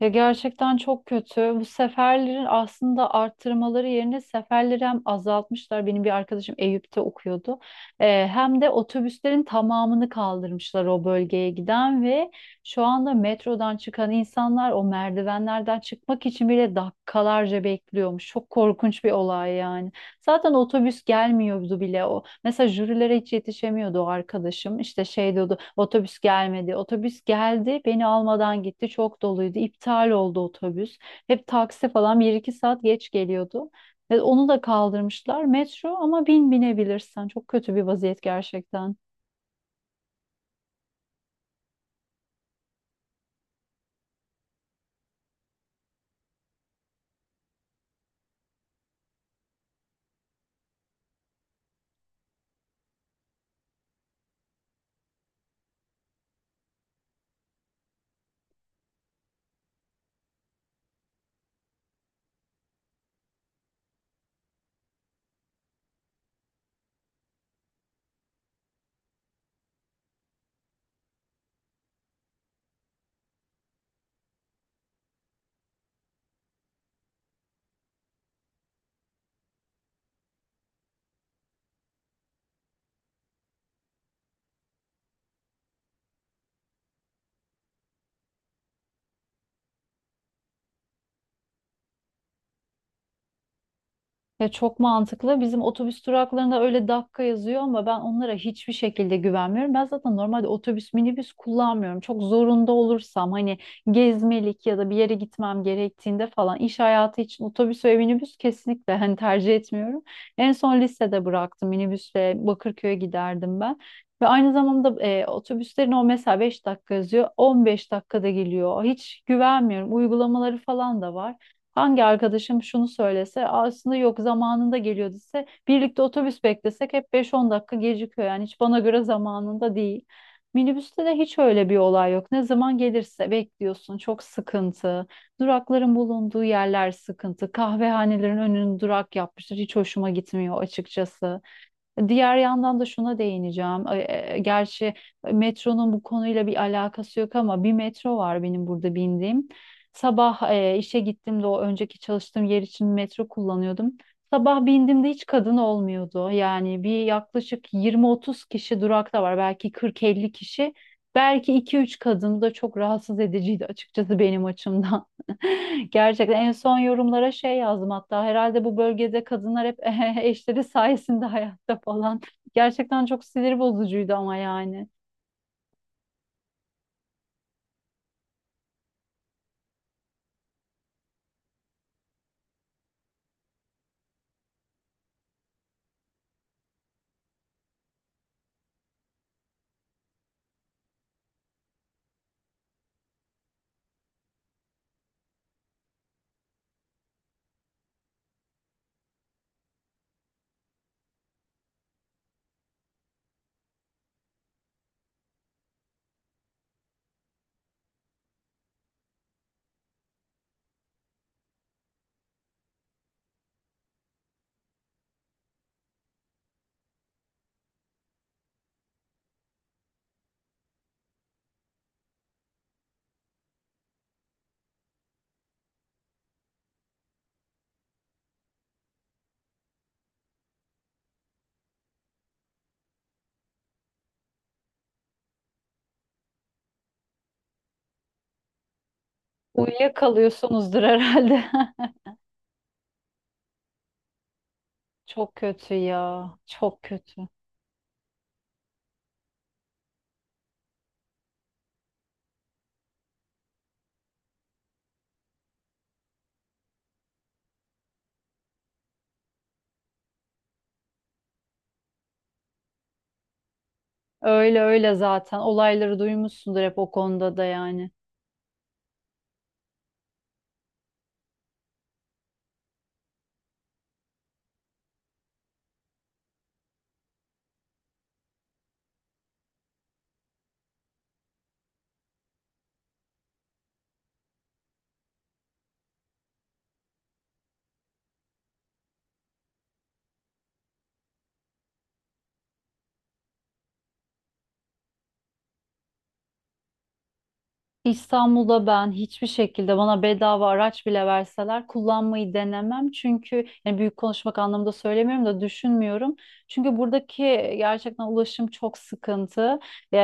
Ya gerçekten çok kötü. Bu seferlerin aslında arttırmaları yerine seferleri hem azaltmışlar. Benim bir arkadaşım Eyüp'te okuyordu. Hem de otobüslerin tamamını kaldırmışlar o bölgeye giden ve şu anda metrodan çıkan insanlar o merdivenlerden çıkmak için bile dakikalarca bekliyormuş. Çok korkunç bir olay yani. Zaten otobüs gelmiyordu bile. Mesela jürilere hiç yetişemiyordu o arkadaşım. İşte şey diyordu, otobüs gelmedi. Otobüs geldi, beni almadan gitti. Çok doluydu. İptal oldu otobüs. Hep taksi falan bir iki saat geç geliyordu. Ve onu da kaldırmışlar. Metro ama binebilirsen. Çok kötü bir vaziyet gerçekten. Ya çok mantıklı. Bizim otobüs duraklarında öyle dakika yazıyor ama ben onlara hiçbir şekilde güvenmiyorum. Ben zaten normalde otobüs, minibüs kullanmıyorum. Çok zorunda olursam, hani gezmelik ya da bir yere gitmem gerektiğinde falan, iş hayatı için otobüs ve minibüs kesinlikle hani tercih etmiyorum. En son lisede bıraktım, minibüsle Bakırköy'e giderdim ben. Ve aynı zamanda otobüslerin o, mesela 5 dakika yazıyor, 15 dakikada geliyor. Hiç güvenmiyorum. Uygulamaları falan da var. Hangi arkadaşım şunu söylese, aslında yok zamanında geliyor dese, birlikte otobüs beklesek hep 5-10 dakika gecikiyor, yani hiç bana göre zamanında değil. Minibüste de hiç öyle bir olay yok. Ne zaman gelirse bekliyorsun. Çok sıkıntı. Durakların bulunduğu yerler sıkıntı. Kahvehanelerin önünü durak yapmışlar. Hiç hoşuma gitmiyor açıkçası. Diğer yandan da şuna değineceğim. Gerçi metronun bu konuyla bir alakası yok ama bir metro var, benim burada bindiğim. Sabah işe gittiğimde, o önceki çalıştığım yer için metro kullanıyordum. Sabah bindiğimde hiç kadın olmuyordu. Yani bir yaklaşık 20-30 kişi durakta var. Belki 40-50 kişi. Belki iki üç kadın. Bu da çok rahatsız ediciydi açıkçası benim açımdan. Gerçekten en son yorumlara şey yazdım hatta, herhalde bu bölgede kadınlar hep eşleri sayesinde hayatta falan. Gerçekten çok sinir bozucuydu ama yani. Uyuyakalıyorsunuzdur herhalde. Çok kötü ya. Çok kötü. Öyle öyle zaten. Olayları duymuşsundur hep o konuda da yani. İstanbul'da ben hiçbir şekilde, bana bedava araç bile verseler, kullanmayı denemem. Çünkü yani büyük konuşmak anlamında söylemiyorum da, düşünmüyorum. Çünkü buradaki gerçekten ulaşım çok sıkıntı. Ee,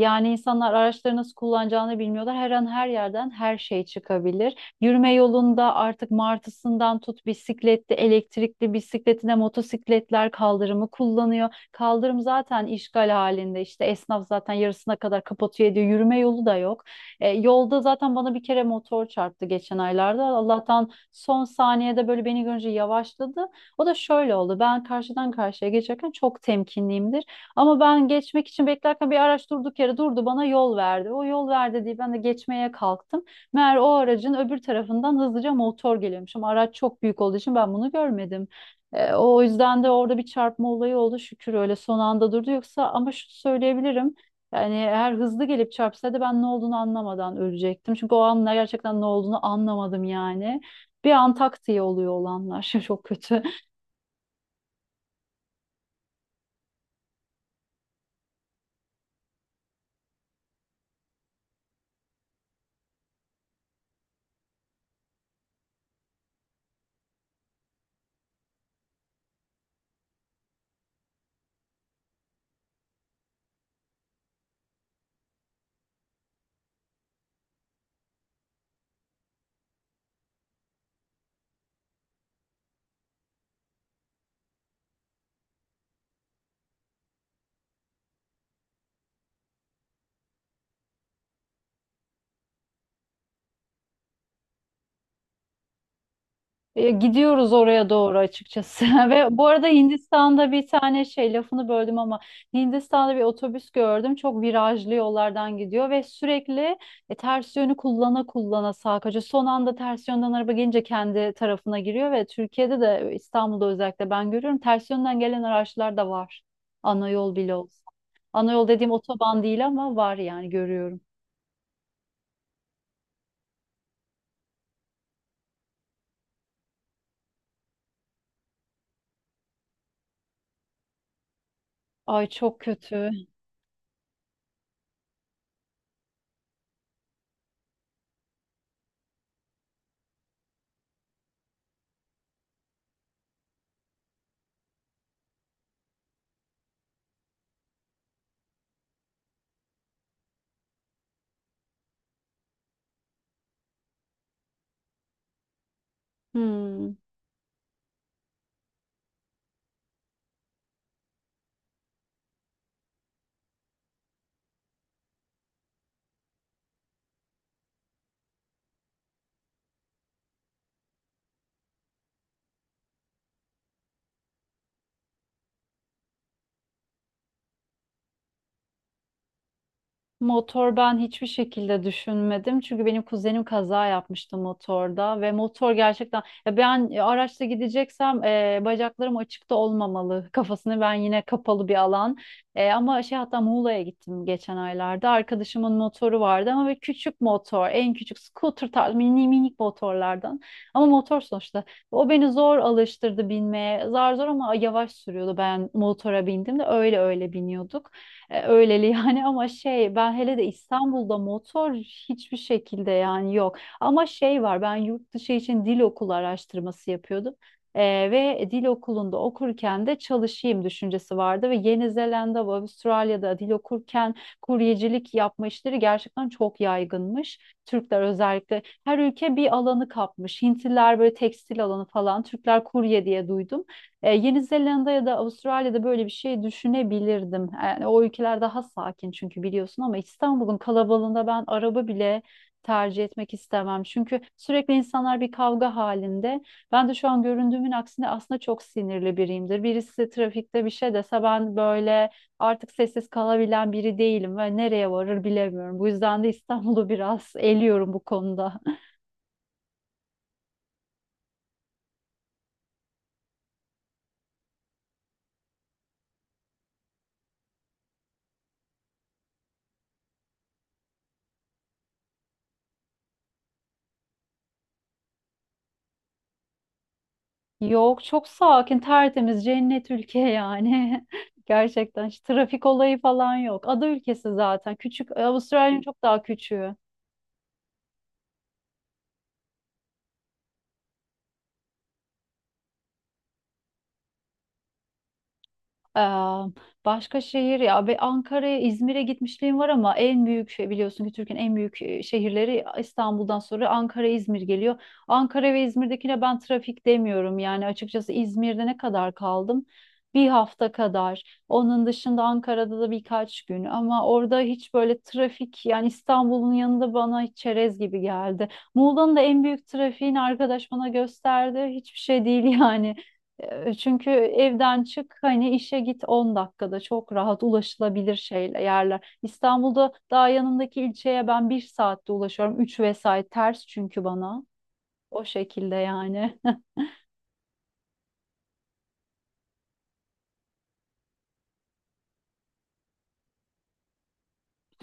Yani insanlar araçları nasıl kullanacağını bilmiyorlar. Her an her yerden her şey çıkabilir. Yürüme yolunda artık martısından tut, bisikletli, elektrikli bisikletine, motosikletler kaldırımı kullanıyor. Kaldırım zaten işgal halinde. İşte esnaf zaten yarısına kadar kapatıyor ediyor. Yürüme yolu da yok. Yolda zaten bana bir kere motor çarptı geçen aylarda. Allah'tan son saniyede böyle beni görünce yavaşladı. O da şöyle oldu. Ben karşıdan karşıya geçerken çok temkinliyimdir. Ama ben geçmek için beklerken bir araç durduk yere durdu, bana yol verdi. O yol verdi diye ben de geçmeye kalktım. Meğer o aracın öbür tarafından hızlıca motor geliyormuş. Ama araç çok büyük olduğu için ben bunu görmedim. O yüzden de orada bir çarpma olayı oldu. Şükür öyle son anda durdu. Yoksa, ama şunu söyleyebilirim, yani eğer hızlı gelip çarpsaydı ben ne olduğunu anlamadan ölecektim. Çünkü o anlar gerçekten ne olduğunu anlamadım yani. Bir an tak diye oluyor olanlar. Çok kötü. Gidiyoruz oraya doğru açıkçası. Ve bu arada Hindistan'da bir tane şey, lafını böldüm ama, Hindistan'da bir otobüs gördüm. Çok virajlı yollardan gidiyor ve sürekli ters yönü kullana kullana sağa kaçıyor. Son anda ters yönden araba gelince kendi tarafına giriyor ve Türkiye'de de, İstanbul'da özellikle, ben görüyorum ters yönden gelen araçlar da var. Ana yol bile olsa. Ana yol dediğim otoban değil ama var, yani görüyorum. Ay çok kötü. Hmm. Motor ben hiçbir şekilde düşünmedim. Çünkü benim kuzenim kaza yapmıştı motorda ve motor gerçekten, ya ben araçla gideceksem bacaklarım açıkta olmamalı, kafasını, ben yine kapalı bir alan. Ama şey, hatta Muğla'ya gittim geçen aylarda. Arkadaşımın motoru vardı ama böyle küçük motor, en küçük scooter tarzı mini minik motorlardan. Ama motor sonuçta. O beni zor alıştırdı binmeye. Zar zor ama yavaş sürüyordu. Ben motora bindim de öyle öyle biniyorduk. Öyleli yani, ama şey, ben hele de İstanbul'da motor hiçbir şekilde, yani yok. Ama şey var, ben yurt dışı için dil okulu araştırması yapıyordum. E, Ve dil okulunda okurken de çalışayım düşüncesi vardı ve Yeni Zelanda ve Avustralya'da dil okurken kuryecilik yapma işleri gerçekten çok yaygınmış. Türkler özellikle, her ülke bir alanı kapmış. Hintliler böyle tekstil alanı falan, Türkler kurye diye duydum. Yeni Zelanda ya da Avustralya'da böyle bir şey düşünebilirdim. Yani o ülkeler daha sakin, çünkü biliyorsun, ama İstanbul'un kalabalığında ben araba bile tercih etmek istemem. Çünkü sürekli insanlar bir kavga halinde. Ben de şu an göründüğümün aksine aslında çok sinirli biriyimdir. Birisi trafikte bir şey dese, ben böyle artık sessiz kalabilen biri değilim ve nereye varır bilemiyorum. Bu yüzden de İstanbul'u biraz eliyorum bu konuda. Yok çok sakin, tertemiz, cennet ülke yani. Gerçekten hiç trafik olayı falan yok. Ada ülkesi zaten. Küçük, Avustralya'nın çok daha küçüğü. Ee, Başka şehir ya, ve Ankara'ya, İzmir'e gitmişliğim var ama en büyük şey, biliyorsun ki Türkiye'nin en büyük şehirleri İstanbul'dan sonra Ankara, İzmir geliyor. Ankara ve İzmir'dekine ben trafik demiyorum yani, açıkçası. İzmir'de ne kadar kaldım? Bir hafta kadar. Onun dışında Ankara'da da birkaç gün, ama orada hiç böyle trafik, yani İstanbul'un yanında bana hiç çerez gibi geldi. Muğla'nın da en büyük trafiğini arkadaş bana gösterdi. Hiçbir şey değil yani. Çünkü evden çık, hani işe git, 10 dakikada çok rahat ulaşılabilir şeyler, yerler. İstanbul'da daha yanımdaki ilçeye ben bir saatte ulaşıyorum. Üç vesait ters çünkü bana. O şekilde yani.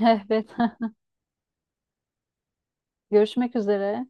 Evet. Görüşmek üzere.